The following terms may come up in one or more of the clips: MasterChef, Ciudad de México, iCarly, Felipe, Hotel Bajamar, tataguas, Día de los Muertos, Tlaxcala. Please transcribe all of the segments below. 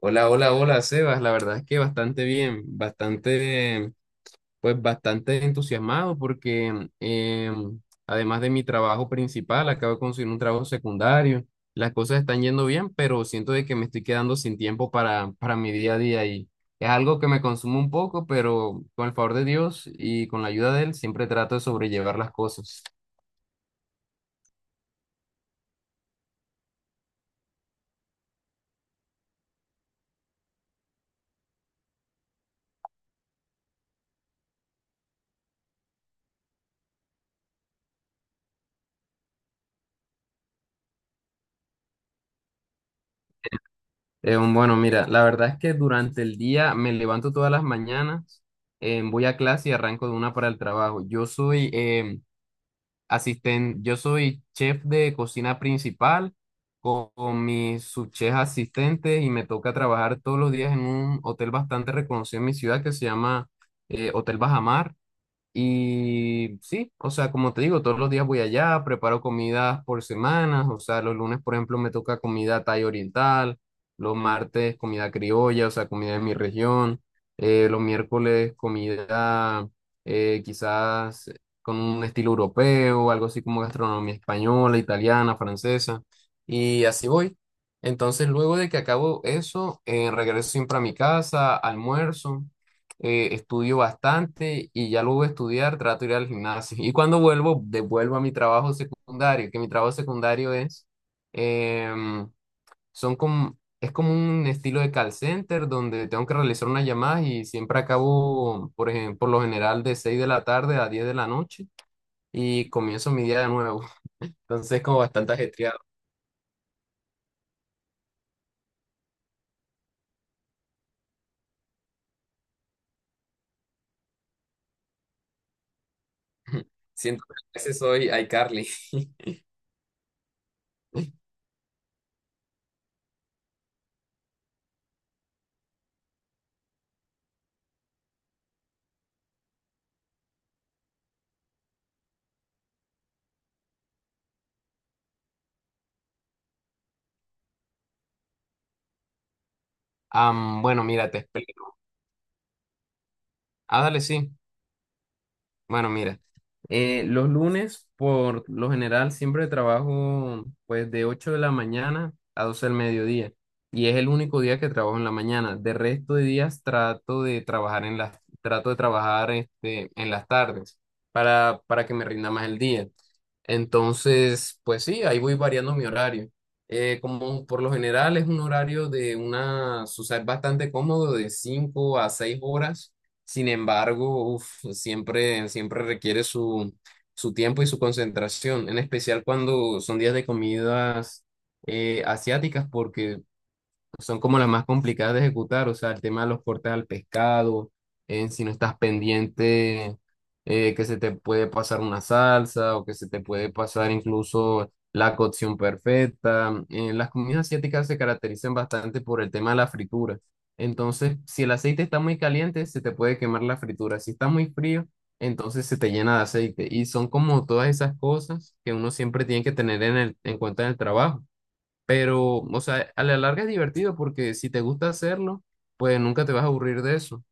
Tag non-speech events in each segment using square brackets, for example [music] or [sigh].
Hola, hola, hola, Sebas. La verdad es que bastante bien, bastante, pues bastante entusiasmado porque además de mi trabajo principal, acabo de conseguir un trabajo secundario. Las cosas están yendo bien, pero siento de que me estoy quedando sin tiempo para mi día a día, y es algo que me consume un poco, pero con el favor de Dios y con la ayuda de él, siempre trato de sobrellevar las cosas. Bueno, mira, la verdad es que durante el día me levanto todas las mañanas, voy a clase y arranco de una para el trabajo. Yo soy yo soy chef de cocina principal con mis subchefs asistentes, y me toca trabajar todos los días en un hotel bastante reconocido en mi ciudad que se llama Hotel Bajamar. Y sí, o sea, como te digo, todos los días voy allá, preparo comidas por semanas, o sea, los lunes, por ejemplo, me toca comida thai oriental, los martes comida criolla, o sea, comida de mi región, los miércoles comida quizás con un estilo europeo, algo así como gastronomía española, italiana, francesa, y así voy. Entonces, luego de que acabo eso, regreso siempre a mi casa, almuerzo, estudio bastante, y ya luego de estudiar trato de ir al gimnasio. Y cuando vuelvo, devuelvo a mi trabajo secundario, que mi trabajo secundario es, em, son como, es como un estilo de call center donde tengo que realizar unas llamadas y siempre acabo, por ejemplo, por lo general de 6 de la tarde a 10 de la noche, y comienzo mi día de nuevo. [laughs] Entonces es como bastante ajetreado. [laughs] Siento que a veces soy iCarly. [laughs] Bueno, mira, te explico. Ah, dale, sí. Bueno, mira, los lunes por lo general siempre trabajo pues de 8 de la mañana a 12 del mediodía, y es el único día que trabajo en la mañana. De resto de días trato de trabajar en las, trato de trabajar este, en las tardes para que me rinda más el día. Entonces, pues sí, ahí voy variando mi horario. Como por lo general es un horario de una, o sea, es bastante cómodo, de 5 a 6 horas. Sin embargo, uf, siempre requiere su tiempo y su concentración, en especial cuando son días de comidas asiáticas, porque son como las más complicadas de ejecutar, o sea, el tema de los cortes al pescado. Si no estás pendiente, que se te puede pasar una salsa, o que se te puede pasar incluso la cocción perfecta. Las comidas asiáticas se caracterizan bastante por el tema de la fritura. Entonces, si el aceite está muy caliente, se te puede quemar la fritura. Si está muy frío, entonces se te llena de aceite. Y son como todas esas cosas que uno siempre tiene que tener en en cuenta en el trabajo. Pero, o sea, a la larga es divertido, porque si te gusta hacerlo, pues nunca te vas a aburrir de eso.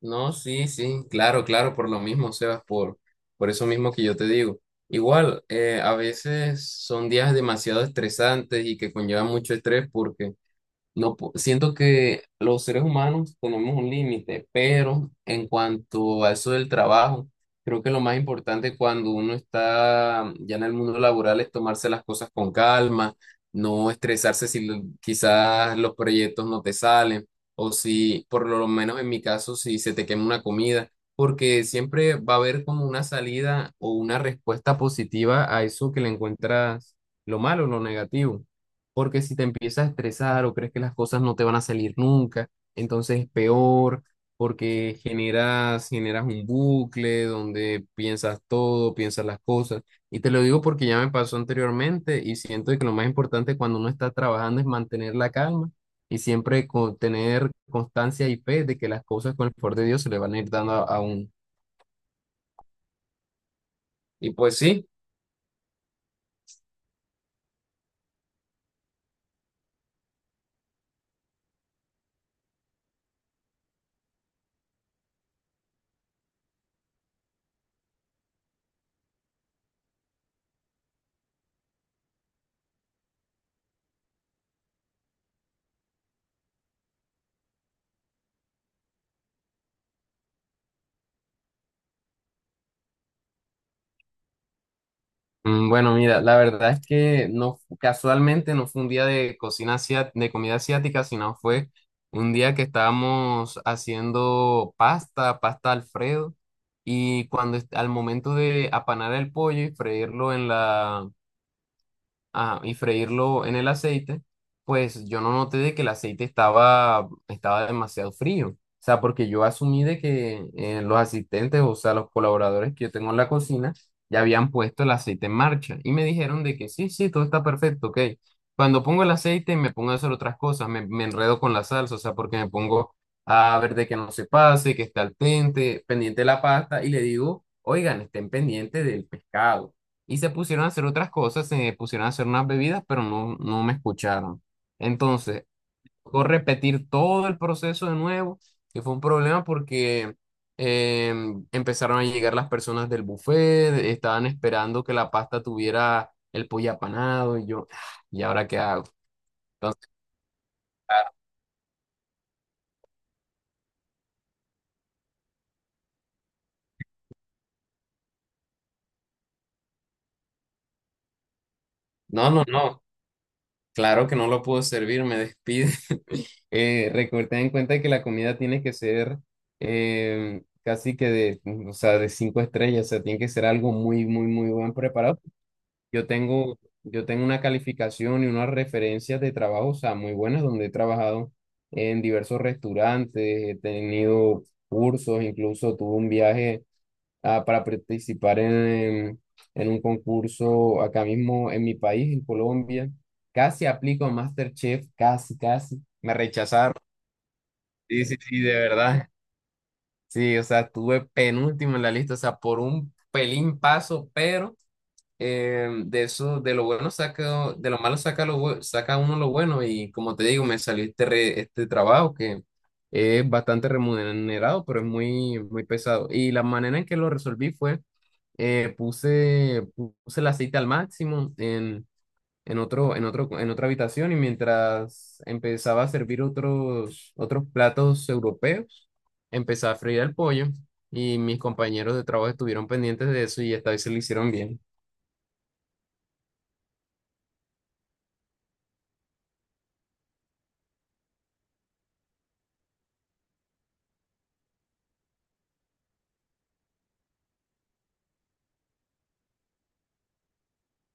No, sí, sí, claro, claro, por lo mismo, Sebas, por eso mismo que yo te digo. Igual, a veces son días demasiado estresantes y que conllevan mucho estrés, porque no, siento que los seres humanos tenemos un límite, pero en cuanto a eso del trabajo, creo que lo más importante cuando uno está ya en el mundo laboral es tomarse las cosas con calma, no estresarse si quizás los proyectos no te salen, o si, por lo menos en mi caso, si se te quema una comida, porque siempre va a haber como una salida o una respuesta positiva a eso, que le encuentras lo malo, lo negativo. Porque si te empiezas a estresar o crees que las cosas no te van a salir nunca, entonces es peor, porque generas un bucle donde piensas todo, piensas las cosas. Y te lo digo porque ya me pasó anteriormente, y siento que lo más importante cuando uno está trabajando es mantener la calma, y siempre tener constancia y fe de que las cosas con el favor de Dios se le van a ir dando a uno. Y pues sí. Mm, bueno, mira, la verdad es que no, casualmente no fue un día de cocina de comida asiática, sino fue un día que estábamos haciendo pasta, pasta Alfredo, y cuando al momento de apanar el pollo y freírlo en la ajá, y freírlo en el aceite, pues yo no noté de que el aceite estaba demasiado frío. O sea, porque yo asumí de que los asistentes, o sea, los colaboradores que yo tengo en la cocina, ya habían puesto el aceite en marcha y me dijeron de que sí, sí, todo está perfecto, ok. Cuando pongo el aceite me pongo a hacer otras cosas, me enredo con la salsa, o sea, porque me pongo a ver de que no se pase, que esté al dente, pendiente de la pasta, y le digo, oigan, estén pendientes del pescado, y se pusieron a hacer otras cosas, se pusieron a hacer unas bebidas, pero no, no me escucharon. Entonces, tocó repetir todo el proceso de nuevo, que fue un problema porque eh, empezaron a llegar las personas del buffet, estaban esperando que la pasta tuviera el pollo apanado, y yo, "Ah, ¿y ahora qué hago?". Entonces, no, no, no, claro que no lo puedo servir, me despide. Ten en cuenta que la comida tiene que ser casi que de, o sea, de 5 estrellas, o sea, tiene que ser algo muy, muy, muy buen preparado. Yo tengo, yo tengo una calificación y unas referencias de trabajo, o sea, muy buenas, donde he trabajado en diversos restaurantes, he tenido cursos, incluso tuve un viaje para participar en un concurso acá mismo en mi país, en Colombia. Casi aplico a MasterChef, casi, casi. Me rechazaron. Sí, sí, sí, de verdad. Sí, o sea, tuve penúltimo en la lista, o sea, por un pelín paso, pero de eso, de lo bueno saca, de lo malo saca, lo, saca uno lo bueno, y como te digo, me salió este trabajo que es bastante remunerado, pero es muy, muy pesado. Y la manera en que lo resolví fue, puse el aceite al máximo en en otra habitación, y mientras empezaba a servir otros platos europeos, empezaba a freír el pollo, y mis compañeros de trabajo estuvieron pendientes de eso, y esta vez se lo hicieron bien.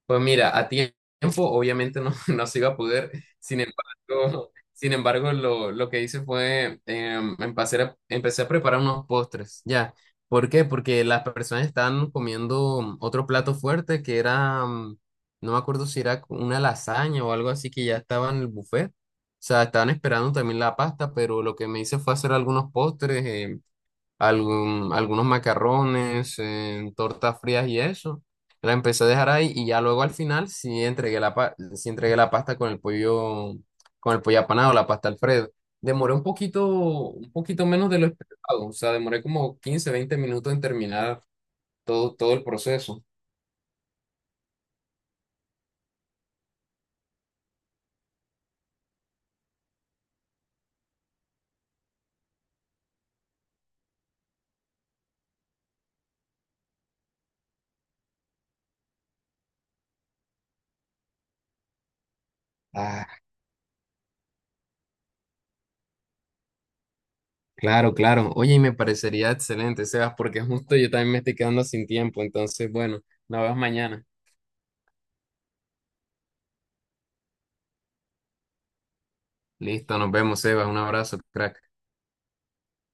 Pues mira, a tiempo obviamente no, [laughs] no se iba a poder, sin embargo lo que hice fue empecé a preparar unos postres, ya. ¿Por qué? Porque las personas estaban comiendo otro plato fuerte que era, mm, no me acuerdo si era una lasaña o algo así, que ya estaba en el buffet. O sea, estaban esperando también la pasta, pero lo que me hice fue hacer algunos postres. Algunos macarrones, tortas frías y eso. La empecé a dejar ahí, y ya luego al final sí entregué sí entregué la pasta con el pollo apanado, la pasta Alfredo. Demoré un poquito menos de lo esperado, o sea, demoré como 15 20 minutos en terminar todo el proceso. Ah, claro, claro. Oye, y me parecería excelente, Sebas, porque justo yo también me estoy quedando sin tiempo, entonces, bueno, nos vemos mañana. Listo, nos vemos, Sebas. Un abrazo, crack.